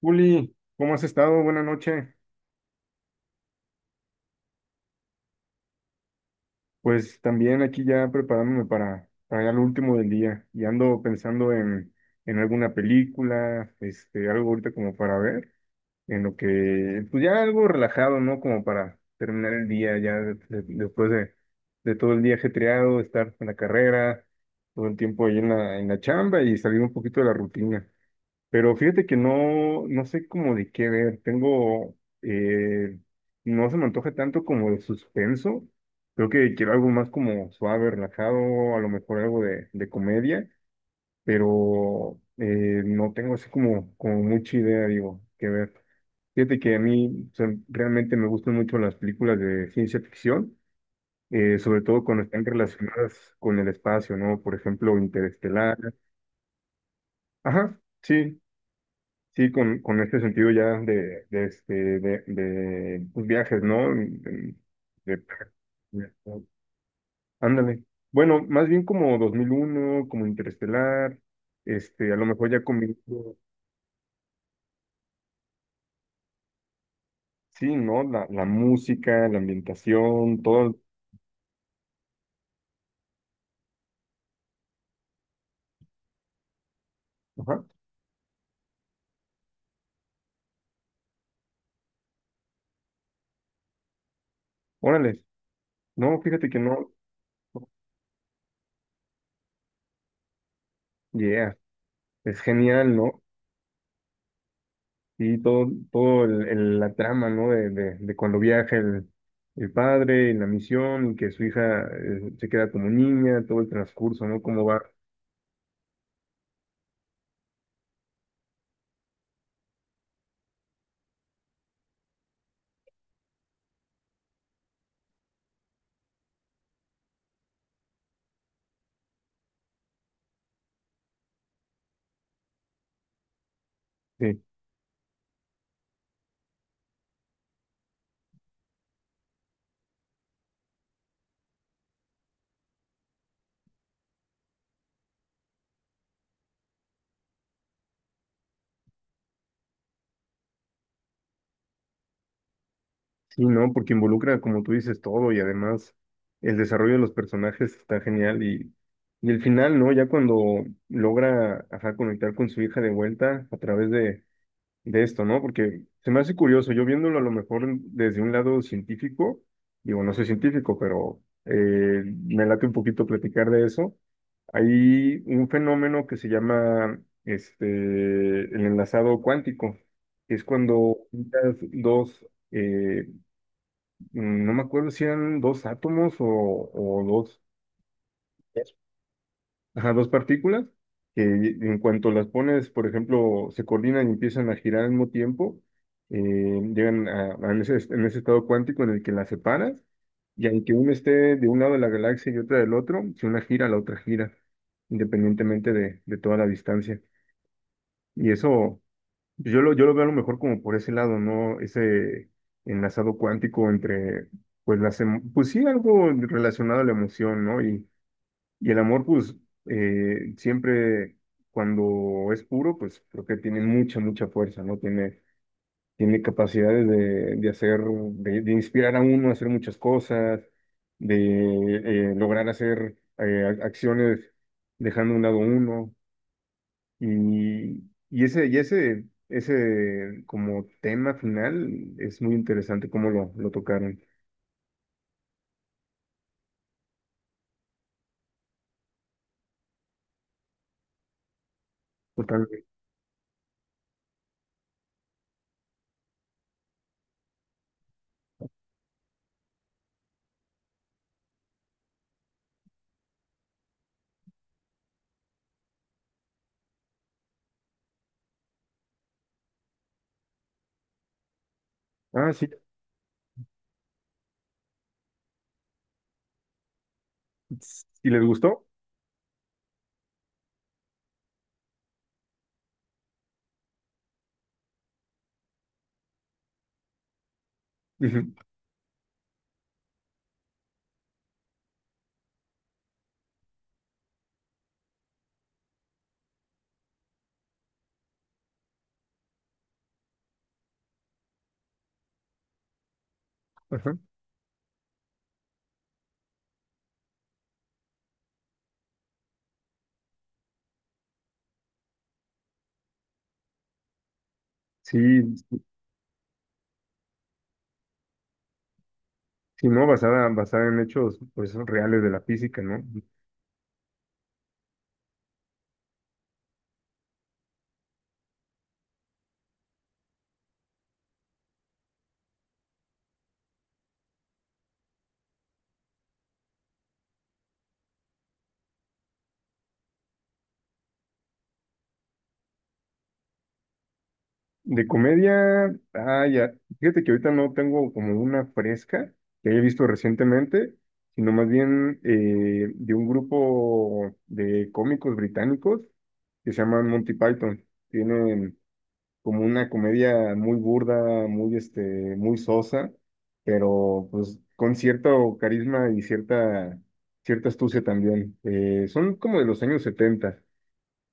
Juli, ¿cómo has estado? Buenas noches. Pues también aquí ya preparándome para ya lo último del día y ando pensando en alguna película, algo ahorita como para ver, en lo que, pues ya algo relajado, ¿no? Como para terminar el día ya después de todo el día ajetreado, estar en la carrera, todo el tiempo ahí en la chamba y salir un poquito de la rutina. Pero fíjate que no, no sé cómo de qué ver. Tengo, eh, no se me antoja tanto como de suspenso. Creo que quiero algo más como suave, relajado, a lo mejor algo de comedia, pero no tengo así como mucha idea, digo, que ver. Fíjate que a mí o sea, realmente me gustan mucho las películas de ciencia ficción, sobre todo cuando están relacionadas con el espacio, ¿no? Por ejemplo, Interestelar. Ajá. Sí, sí, con este sentido ya de pues, viajes, ¿no? De- de- ándale. Bueno, más bien como 2001 como Interestelar, a lo mejor ya combinando, sí, ¿no? La música, la ambientación, todo. Ajá. Órale. No, fíjate que no. Yeah, es genial, ¿no? Y todo, todo la trama, ¿no? De cuando viaja el, padre y la misión, y que su hija se queda como niña, todo el transcurso, ¿no? Cómo va. Sí, sí, ¿no? Porque involucra, como tú dices, todo y además el desarrollo de los personajes está genial y el final, ¿no? Ya cuando logra, ajá, conectar con su hija de vuelta a través de esto, ¿no? Porque se me hace curioso, yo viéndolo a lo mejor desde un lado científico, digo, no soy científico, pero me late un poquito platicar de eso. Hay un fenómeno que se llama el enlazado cuántico, que es cuando juntas dos, no me acuerdo si eran dos átomos o, dos. Ajá, dos partículas que en cuanto las pones, por ejemplo, se coordinan y empiezan a girar al mismo tiempo, llegan a en ese estado cuántico en el que las separas, y aunque una esté de un lado de la galaxia y otra del otro, si una gira, la otra gira, independientemente de toda la distancia. Y eso, pues, yo lo veo a lo mejor como por ese lado, ¿no? Ese enlazado cuántico entre, pues, pues sí, algo relacionado a la emoción, ¿no? Y el amor, pues, siempre cuando es puro, pues creo que tiene mucha, mucha fuerza, ¿no? Tiene capacidades de hacer, de inspirar a uno a hacer muchas cosas, de lograr hacer acciones dejando a un lado uno. Y, ese como tema final es muy interesante cómo lo tocaron. Totalmente. Ah, sí. Si les gustó. Ajá. Sí, sí, ¿no? Basada en hechos pues reales de la física, ¿no? De comedia, ah, ya, fíjate que ahorita no tengo como una fresca que haya visto recientemente, sino más bien de un grupo de cómicos británicos que se llaman Monty Python. Tienen como una comedia muy burda, muy sosa, pero pues con cierto carisma y cierta astucia también. Son como de los años 70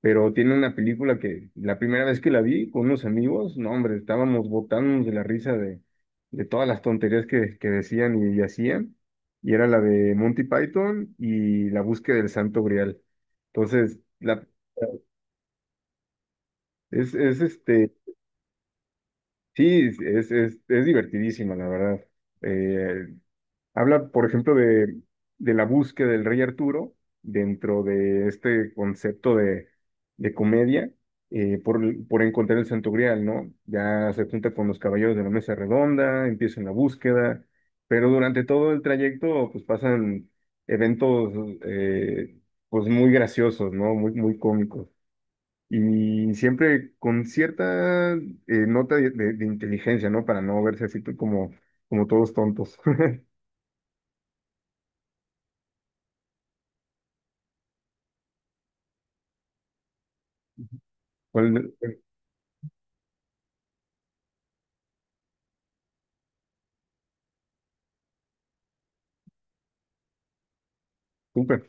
pero tiene una película que la primera vez que la vi con unos amigos, no, hombre, estábamos botándonos de la risa de todas las tonterías que decían y hacían, y era la de Monty Python y la búsqueda del Santo Grial. Entonces, la, es este, sí, es divertidísima, la verdad. Eh, Habla, por ejemplo, de, la búsqueda del rey Arturo dentro de este concepto de, comedia eh, por, por encontrar el Santo Grial, ¿no? Ya se junta con los caballeros de la mesa redonda, empiezan la búsqueda, pero durante todo el trayecto pues pasan eventos eh, pues muy graciosos, ¿no? Muy, muy cómicos. Y siempre con cierta nota de inteligencia, ¿no? Para no verse así como todos tontos. ¿Cuál? Súper,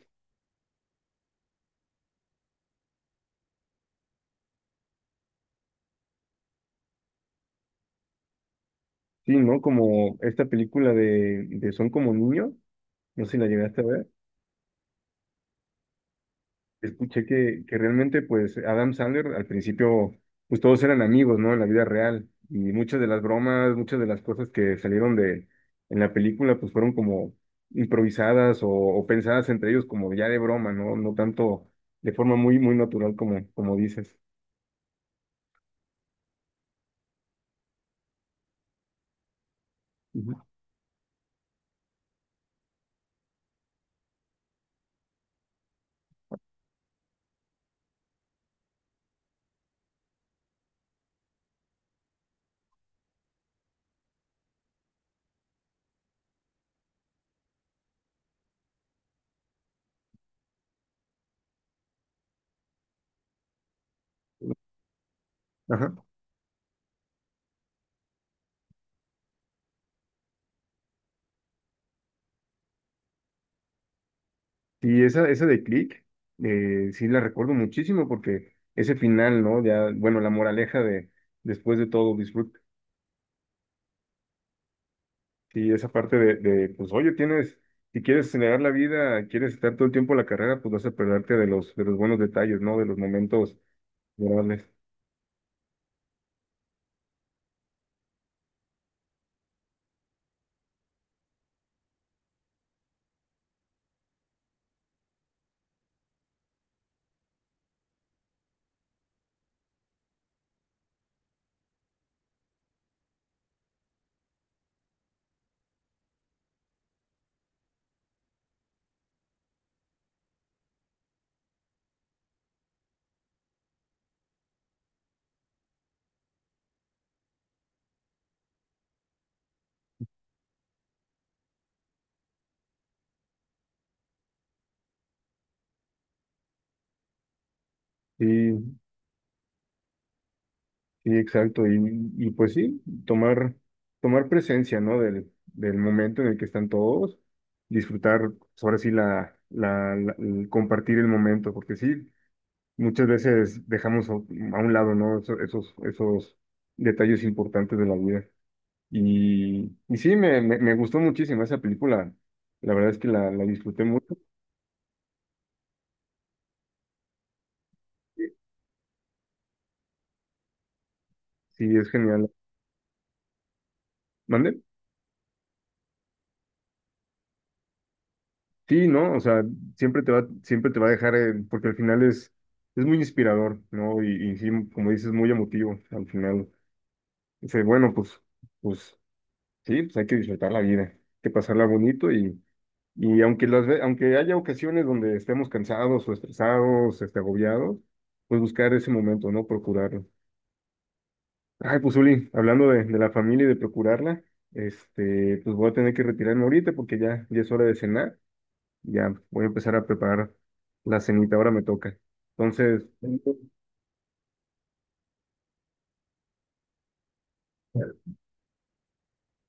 sí, ¿no? Como esta película de Son como niños, no sé si la llegaste a ver, escuché que realmente pues Adam Sandler al principio pues todos eran amigos, ¿no? En la vida real y muchas de las bromas, muchas de las cosas que salieron de en la película pues fueron como improvisadas o pensadas entre ellos como ya de broma, ¿no? No tanto de forma muy, muy natural como dices. Ujú. Ajá. Y esa de Click, sí la recuerdo muchísimo porque ese final, ¿no? Ya, bueno, la moraleja de después de todo, disfruta. Y esa parte de, pues, oye, tienes, si quieres acelerar la vida, quieres estar todo el tiempo en la carrera, pues vas a perderte de los buenos detalles, ¿no? De los momentos agradables. Sí, sí, exacto. Y pues sí, tomar presencia, ¿no? Del momento en el que están todos, disfrutar, pues, ahora sí, el compartir el momento, porque sí. Muchas veces dejamos a un lado, ¿no? Esos, detalles importantes de la vida. Y sí, me gustó muchísimo esa película. La verdad es que la disfruté mucho. Sí, es genial. ¿Mande? Sí, ¿no? O sea, siempre te va a dejar, porque al final es muy inspirador, ¿no? Y sí, como dices, muy emotivo al final. Dice, bueno, pues sí, pues hay que disfrutar la vida, hay que pasarla bonito y aunque aunque haya ocasiones donde estemos cansados o estresados, agobiados, pues buscar ese momento, ¿no? Procurarlo. Ay, pues Uli, hablando de, la familia y de procurarla, pues voy a tener que retirarme ahorita porque ya es hora de cenar. Ya voy a empezar a preparar la cenita, ahora me toca. Entonces,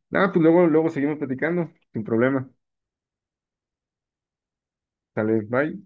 nada, pues luego, luego seguimos platicando, sin problema. Sale, bye.